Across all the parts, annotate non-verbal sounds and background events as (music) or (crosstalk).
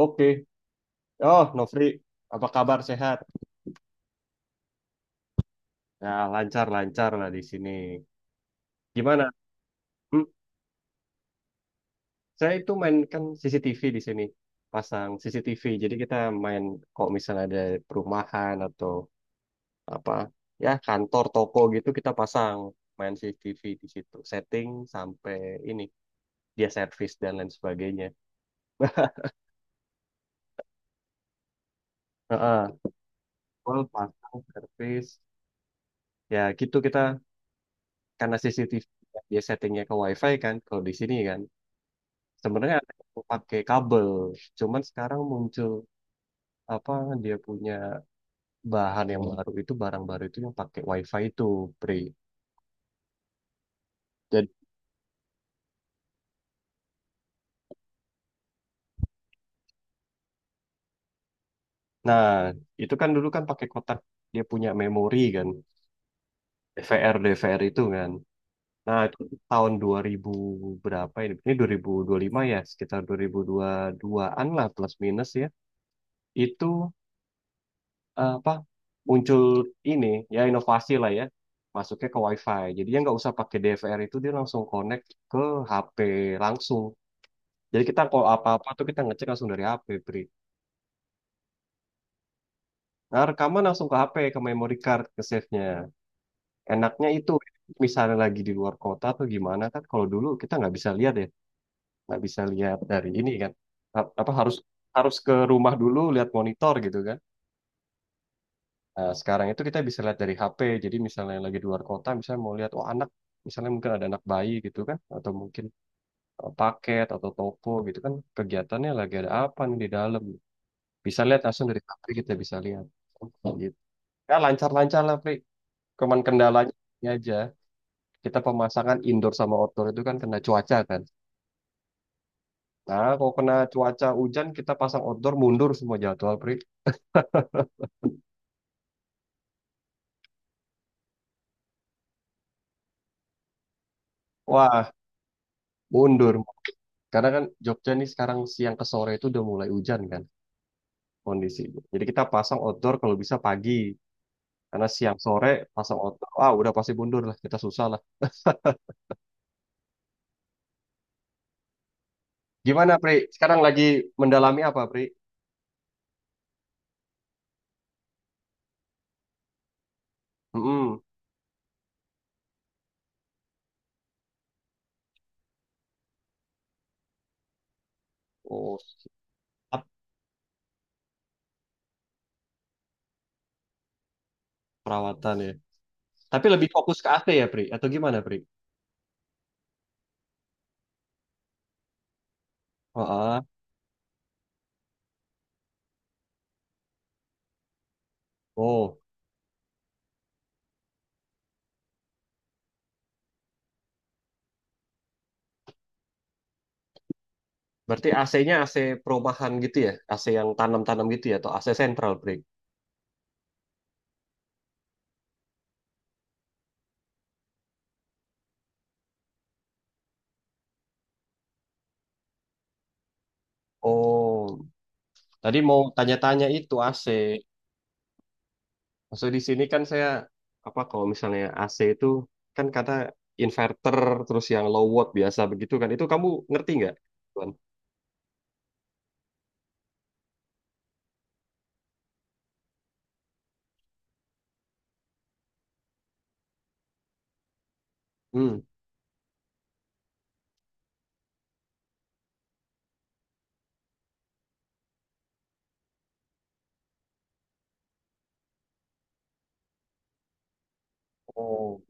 Oke. Oh, Nofri, apa kabar? Sehat? Ya, lancar-lancar lah di sini. Gimana? Hmm, saya itu mainkan CCTV di sini. Pasang CCTV. Jadi kita main kalau misalnya ada perumahan atau apa, ya kantor, toko gitu kita pasang main CCTV di situ. Setting sampai ini, dia servis dan lain sebagainya. Heeh. Full pasang servis. Ya gitu kita karena CCTV dia settingnya ke WiFi kan, kalau di sini kan. Sebenarnya ada yang pakai kabel, cuman sekarang muncul apa dia punya bahan yang baru itu, barang baru itu yang pakai WiFi itu, Pri. Jadi, nah itu kan dulu kan pakai kotak dia punya memori kan, DVR DVR itu kan. Nah itu tahun 2000 berapa ini? Ini 2025 ya, sekitar 2022-an lah plus minus ya. Itu apa muncul ini, ya inovasi lah ya, masuknya ke WiFi, jadi ya nggak usah pakai DVR itu, dia langsung connect ke HP langsung. Jadi kita kalau apa-apa tuh kita ngecek langsung dari HP, Pri. Nah, rekaman langsung ke HP, ke memory card, ke save-nya. Enaknya itu misalnya lagi di luar kota atau gimana, kan kalau dulu kita nggak bisa lihat ya, nggak bisa lihat dari ini kan. Apa harus, harus ke rumah dulu lihat monitor gitu kan. Nah, sekarang itu kita bisa lihat dari HP. Jadi misalnya lagi di luar kota, misalnya mau lihat, oh anak, misalnya mungkin ada anak bayi gitu kan, atau mungkin paket atau toko gitu kan, kegiatannya lagi ada apa nih di dalam. Bisa lihat langsung dari HP, kita bisa lihat. Gitu. Ya lancar-lancar lah, Pri. Cuman kendalanya ini aja, kita pemasangan indoor sama outdoor itu kan kena cuaca kan. Nah, kalau kena cuaca hujan, kita pasang outdoor mundur semua jadwal, Pri. Wah, mundur. Karena kan Jogja nih sekarang siang ke sore itu udah mulai hujan kan. Kondisi. Jadi kita pasang outdoor kalau bisa pagi. Karena siang sore pasang outdoor, ah udah pasti mundur lah, kita susah lah. Gimana Pri? Sekarang lagi mendalami apa Pri? Mm-mm. Oh, siap, perawatan ya. Tapi lebih fokus ke AC ya Pri? Atau gimana Pri? Oh, ah. Oh, berarti AC-nya AC perumahan gitu ya? AC yang tanam-tanam gitu ya? Atau AC sentral Pri? Oh, tadi mau tanya-tanya itu AC. Maksud di sini kan saya apa kalau misalnya AC itu kan kata inverter terus yang low watt biasa begitu kan, itu kamu ngerti nggak? Tuan? Hmm. Oh,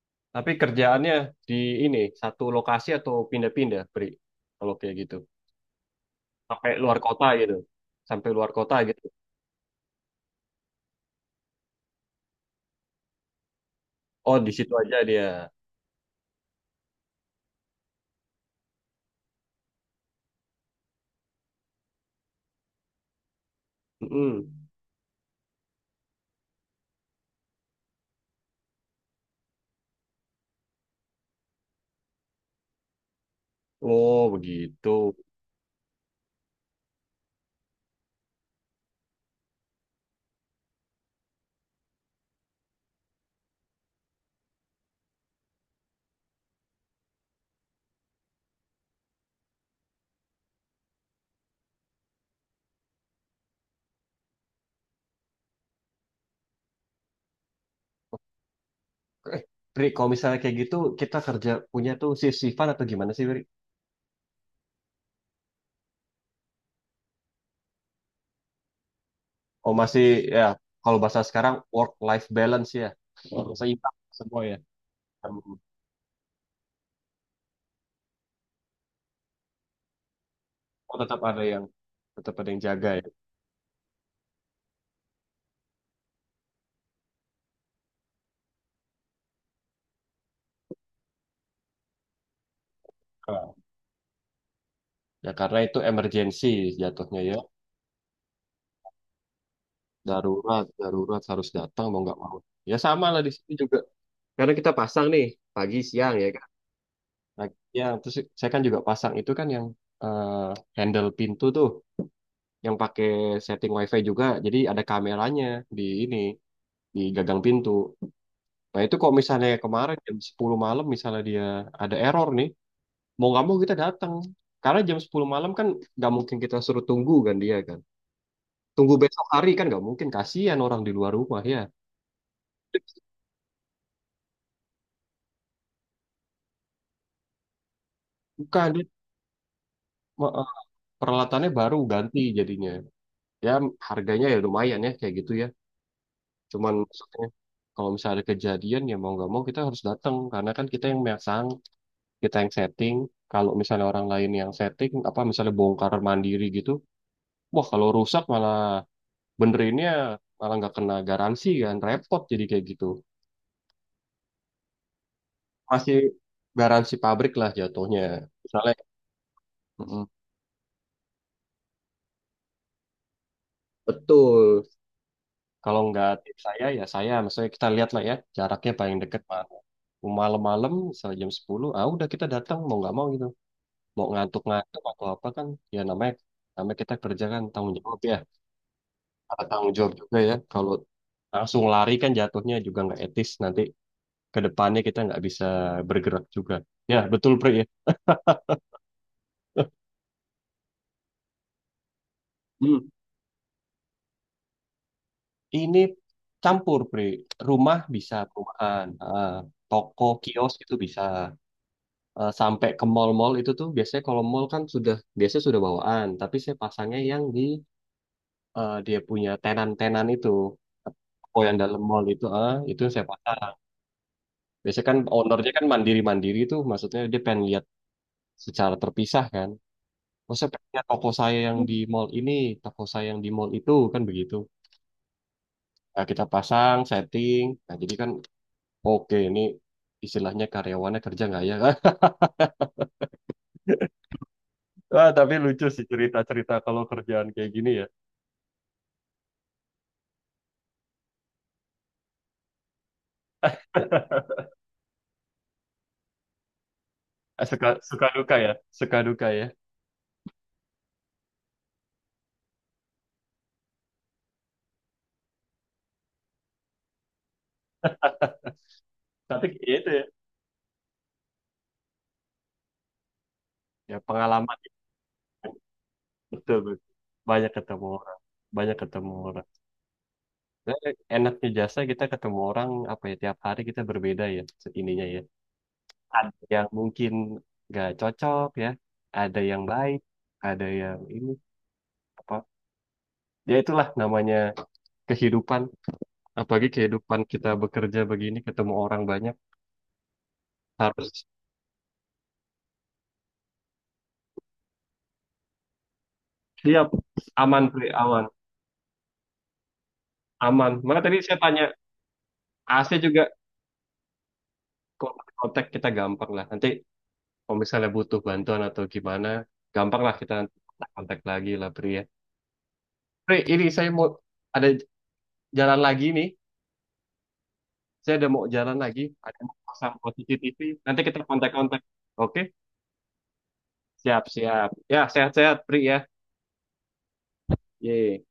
(laughs) tapi kerjaannya di ini satu lokasi atau pindah-pindah, Bri? Kalau kayak gitu. Sampai luar kota gitu. Sampai luar kota gitu. Oh, di situ aja dia. Mhm. Oh, begitu. Eh, Bri, kalau misalnya kayak gitu kita kerja punya tuh shift-shiftan atau gimana sih, Bri? Oh masih ya, kalau bahasa sekarang work life balance ya. Seimbang semua ya. Hmm. Oh tetap ada yang jaga ya. Ah. Ya karena itu emergency jatuhnya ya. Darurat, darurat harus datang mau nggak mau. Ya sama lah di sini juga. Karena kita pasang nih pagi siang ya kan. Pagi siang terus saya kan juga pasang itu kan yang eh, handle pintu tuh yang pakai setting wifi juga. Jadi ada kameranya di ini di gagang pintu. Nah itu kalau misalnya kemarin jam 10 malam misalnya dia ada error nih, mau nggak mau kita datang. Karena jam 10 malam kan nggak mungkin kita suruh tunggu kan dia kan. Tunggu besok hari kan nggak mungkin, kasihan orang di luar rumah ya. Bukan, dia, ma- eh, peralatannya baru ganti jadinya. Ya harganya ya lumayan ya kayak gitu ya. Cuman maksudnya kalau misalnya ada kejadian ya mau nggak mau kita harus datang. Karena kan kita yang memasang, kita yang setting. Kalau misalnya orang lain yang setting, apa misalnya bongkar mandiri gitu, wah kalau rusak malah benerinnya malah nggak kena garansi kan, repot jadi kayak gitu. Masih garansi pabrik lah jatuhnya, misalnya mm, Betul. Kalau nggak tim saya ya saya, maksudnya kita lihat lah ya jaraknya paling deket mana. Mau malam-malam misalnya jam 10 ah udah, kita datang mau nggak mau gitu, mau ngantuk-ngantuk atau apa kan. Ya namanya, kita kerja kan tanggung jawab ya. Ada tanggung jawab juga ya, kalau langsung lari kan jatuhnya juga nggak etis. Nanti ke depannya kita nggak bisa bergerak juga. Ya betul Pri ya. Hmm. Ini campur, Bre. Rumah bisa, perumahan, ah, toko, kios itu bisa. Eh, sampai ke mall-mall itu tuh biasanya, kalau mall kan sudah biasanya sudah bawaan, tapi saya pasangnya yang di dia punya tenan-tenan itu. Oh yang dalam mall itu, ah itu saya pasang. Biasanya kan ownernya kan mandiri-mandiri tuh, maksudnya dia pengen lihat secara terpisah kan. Oh saya pengen lihat toko saya yang di mall ini, toko saya yang di mall itu kan begitu. Nah, kita pasang setting, nah jadi kan, oke, ini istilahnya karyawannya kerja nggak ya? (laughs) Ah, tapi lucu sih cerita-cerita kalau kerjaan kayak gini ya. (laughs) Suka suka duka ya, suka duka ya. Tapi itu ya, ya pengalaman betul, betul. Banyak ketemu orang, banyak ketemu orang. Dan enaknya jasa kita ketemu orang apa ya tiap hari kita berbeda ya ininya ya. Ada yang mungkin nggak cocok ya, ada yang baik, ada yang ini apa. Ya itulah namanya kehidupan. Apalagi kehidupan kita bekerja begini, ketemu orang banyak, harus siap, aman, Pri, aman, aman. Maka tadi saya tanya, AC juga kontak kontak kita gampang lah. Nanti kalau misalnya butuh bantuan atau gimana, gampang lah kita kontak lagi lah, Pri ya. Pri, ini saya mau ada jalan lagi nih. Saya ada mau jalan lagi, ada mau pasang CCTV. Nanti kita kontak-kontak. Oke, siap-siap. Ya, sehat-sehat, Pri ya. Yeay.